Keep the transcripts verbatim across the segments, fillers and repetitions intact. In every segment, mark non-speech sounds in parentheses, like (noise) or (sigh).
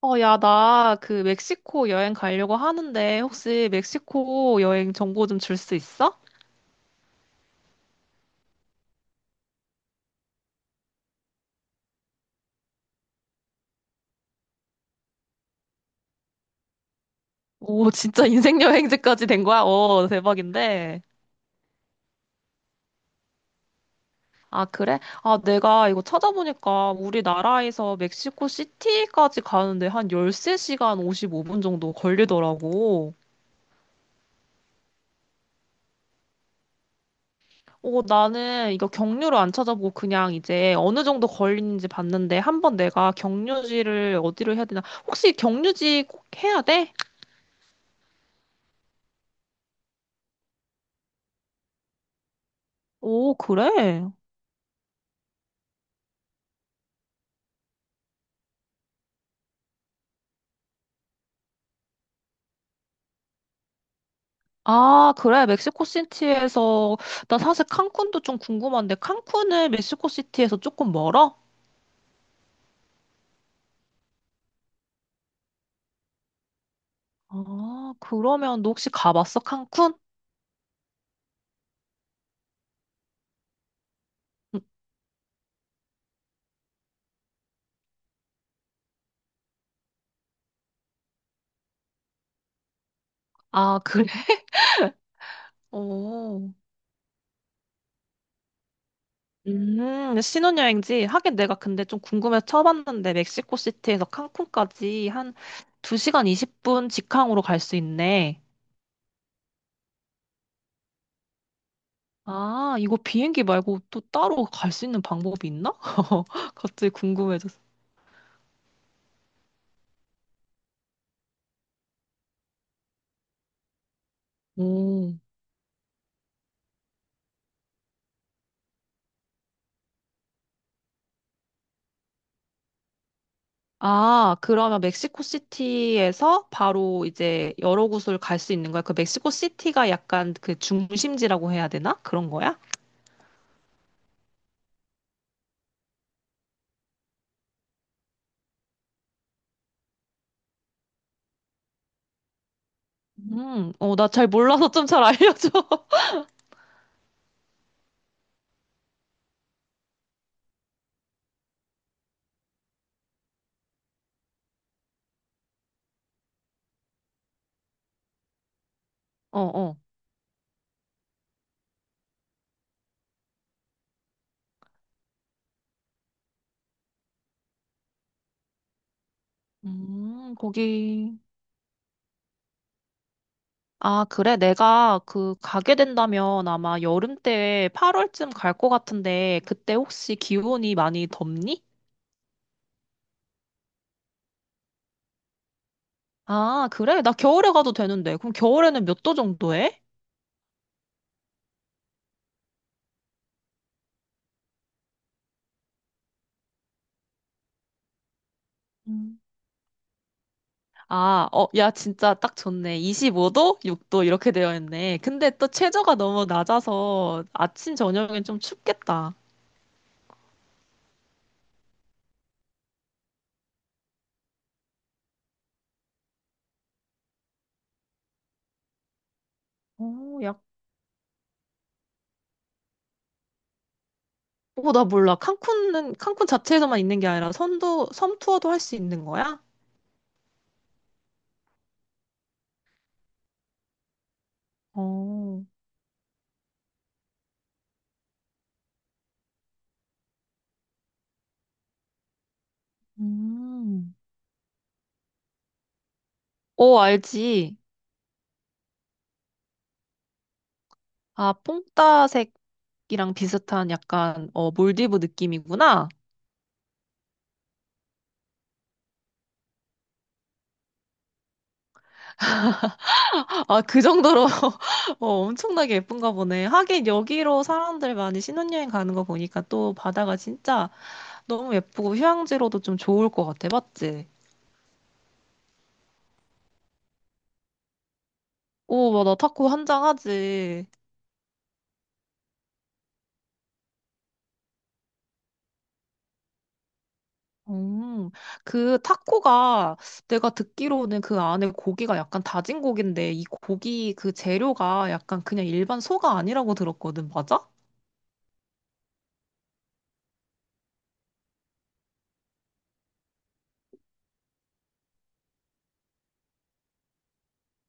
어, 야, 나 그 멕시코 여행 가려고 하는데 혹시 멕시코 여행 정보 좀 줄 수 있어? 오, (laughs) 진짜 인생 여행지까지 된 거야? 어, 대박인데. 아, 그래? 아, 내가 이거 찾아보니까 우리나라에서 멕시코 시티까지 가는데 한 열세 시간 오십오 분 정도 걸리더라고. 어, 나는 이거 경유를 안 찾아보고 그냥 이제 어느 정도 걸리는지 봤는데 한번 내가 경유지를 어디로 해야 되나? 혹시 경유지 꼭 해야 돼? 오, 그래? 아, 그래. 멕시코 시티에서 나 사실 칸쿤도 좀 궁금한데 칸쿤은 멕시코 시티에서 조금 멀어? 아, 그러면 너 혹시 가봤어? 칸쿤? 음, 아, (laughs) 그래. 오. 음, 신혼여행지. 하긴 내가 근데 좀 궁금해서 쳐봤는데 멕시코 시티에서 칸쿤까지 한 두 시간 이십 분 직항으로 갈 수 있네. 아, 이거 비행기 말고 또 따로 갈 수 있는 방법이 있나? (laughs) 갑자기 궁금해졌어. 오. 아, 그러면 멕시코 시티에서 바로 이제 여러 곳을 갈 수 있는 거야? 그 멕시코 시티가 약간 그 중심지라고 해야 되나? 그런 거야? 음, 어, 나 잘 몰라서 좀 잘 알려줘. (laughs) 어, 어. 음, 거기. 아, 그래. 내가 그 가게 된다면 아마 여름 때 팔월쯤 갈 것 같은데 그때 혹시 기온이 많이 덥니? 아, 그래. 나 겨울에 가도 되는데. 그럼 겨울에는 몇 도 정도 해? 음. 아, 어, 야, 진짜 딱 좋네. 이십오 도, 육 도 이렇게 되어 있네. 근데 또 최저가 너무 낮아서 아침, 저녁엔 좀 춥겠다. 어, 약, 어, 나 몰라. 칸쿤은, 칸쿤 자체에서만 있는 게 아니라 선도, 섬 투어도 할 수 있는 거야? 어, 음. 어, 알지. 아, 뽕따색이랑 비슷한 약간, 어, 몰디브 느낌이구나. 아, 그 정도로 (laughs) 어, 엄청나게 예쁜가 보네. 하긴 여기로 사람들 많이 신혼여행 가는 거 보니까 또 바다가 진짜 너무 예쁘고 휴양지로도 좀 좋을 것 같아. 맞지? 오, 맞아. 타코 한장하지. 음, 그 타코가 내가 듣기로는 그 안에 고기가 약간 다진 고기인데 이 고기 그 재료가 약간 그냥 일반 소가 아니라고 들었거든. 맞아?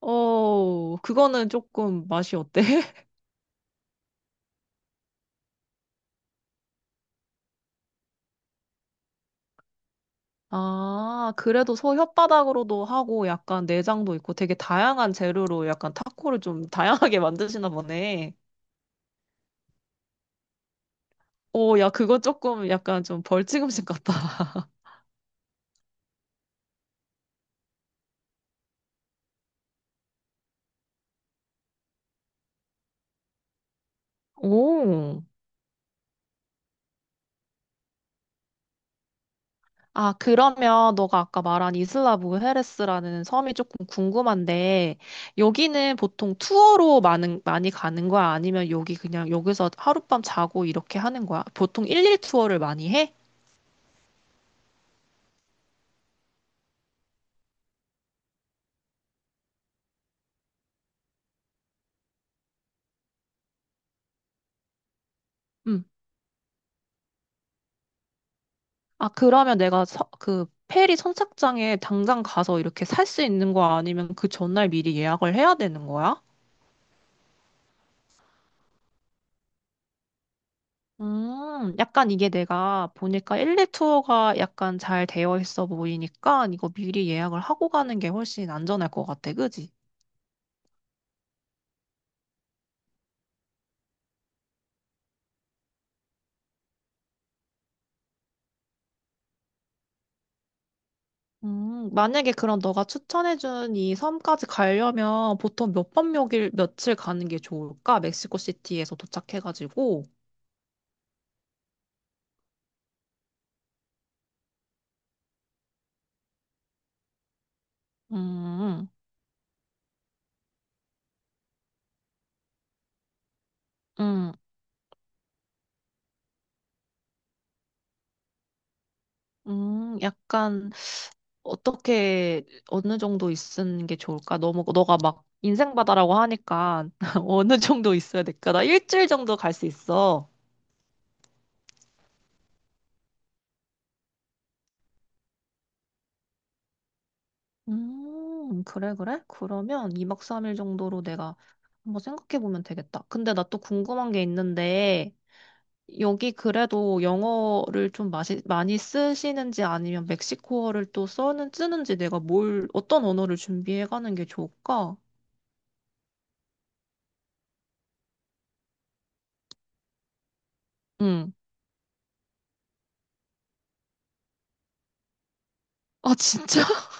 어, 그거는 조금 맛이 어때? 아, 그래도 소 혓바닥으로도 하고 약간 내장도 있고 되게 다양한 재료로 약간 타코를 좀 다양하게 (laughs) 만드시나 보네. 오, 야, 그거 조금 약간 좀 벌칙음식 같다. 오. 아, 그러면 너가 아까 말한 이슬라 브헤레스라는 섬이 조금 궁금한데 여기는 보통 투어로 많은, 많이 가는 거야? 아니면 여기 그냥 여기서 하룻밤 자고 이렇게 하는 거야? 보통 일일 투어를 많이 해? 아, 그러면 내가 서, 그 페리 선착장에 당장 가서 이렇게 살 수 있는 거 아니면 그 전날 미리 예약을 해야 되는 거야? 음, 약간 이게 내가 보니까 일이일 투어가 약간 잘 되어 있어 보이니까 이거 미리 예약을 하고 가는 게 훨씬 안전할 것 같아, 그지? 음, 만약에 그럼 너가 추천해준 이 섬까지 가려면 보통 몇 밤, 몇 일, 며칠 가는 게 좋을까? 멕시코 시티에서 도착해가지고. 음, 음, 음, 약간 어떻게 어느 정도 있는 게 좋을까? 너무 너가 막 인생 바다라고 하니까 (laughs) 어느 정도 있어야 될까? 나 일주일 정도 갈 수 있어. 음, 그래, 그래? 그러면 이 박 삼 일 정도로 내가 한번 생각해 보면 되겠다. 근데 나 또 궁금한 게 있는데, 여기 그래도 영어를 좀 마시, 많이 쓰시는지 아니면 멕시코어를 또 써는, 쓰는지 내가 뭘, 어떤 언어를 준비해 가는 게 좋을까? 응. 아, 진짜? (laughs)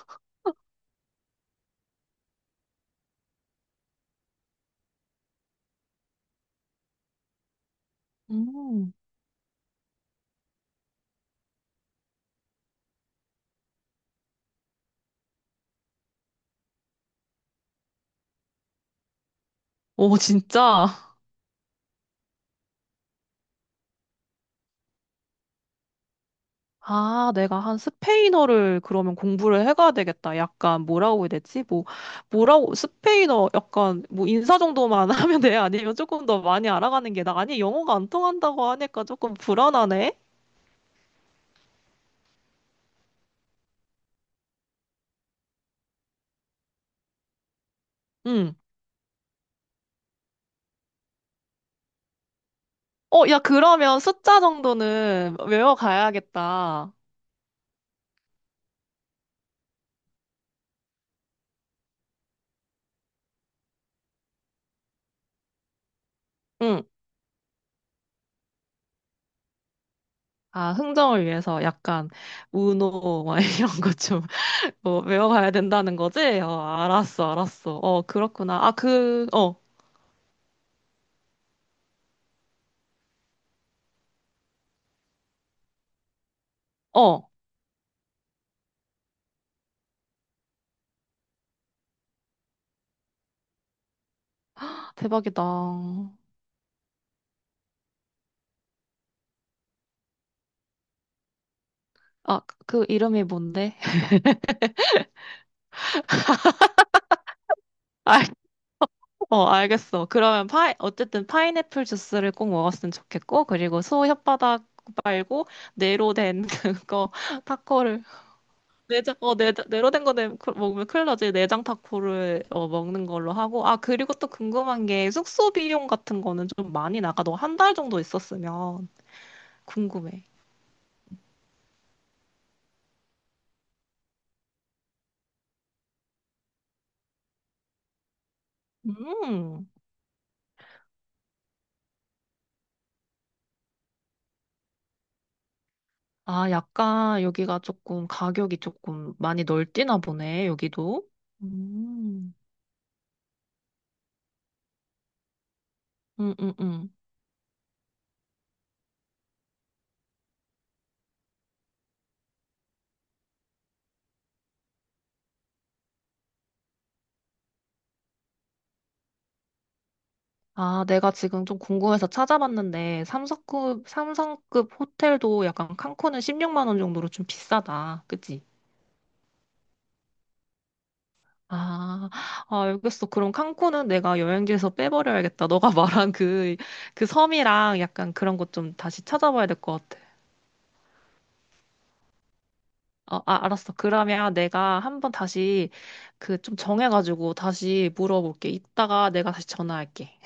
음. 오, 진짜? 아, 내가 한 스페인어를 그러면 공부를 해가야 되겠다. 약간 뭐라고 해야 되지? 뭐, 뭐라고, 스페인어 약간 뭐 인사 정도만 (laughs) 하면 돼? 아니면 조금 더 많이 알아가는 게 나? 아니, 영어가 안 통한다고 하니까 조금 불안하네? 응. 어, 야, 그러면 숫자 정도는 외워가야겠다. 응. 아, 흥정을 위해서 약간 우노 막 (laughs) 이런 거 좀, 뭐, 외워가야 된다는 거지? 어, 알았어, 알았어. 어, 그렇구나. 아, 그, 어, 어. 대박이다. 아, 그 이름이 뭔데? (laughs) 알, 어, 알겠어. 그러면 파 어쨌든 파인애플 주스를 꼭 먹었으면 좋겠고, 그리고 소 혓바닥 말고, 네로 된 (laughs) 그거, 타코를, 내장, 어, 내, 네로 된 거 내- 그- 먹으면 큰일 나지. 내장 타코를 어, 먹는 걸로 하고, 아, 그리고 또 궁금한 게, 숙소 비용 같은 거는 좀 많이 나가. 너 한 달 정도 있었으면 궁금해. 음. 아, 약간 여기가 조금 가격이 조금 많이 널뛰나 보네, 여기도. 음. 음, 음, 음. 아, 내가 지금 좀 궁금해서 찾아봤는데, 삼성급, 삼성급 호텔도 약간 칸쿤은 십육만 원 정도로 좀 비싸다. 그치? 아, 아, 알겠어. 그럼 칸쿤은 내가 여행지에서 빼버려야겠다. 너가 (laughs) 말한 그, 그 섬이랑 약간 그런 것 좀 다시 찾아봐야 될 것 같아. 어, 아, 알았어. 그러면 내가 한번 다시 그 좀 정해가지고 다시 물어볼게. 이따가 내가 다시 전화할게.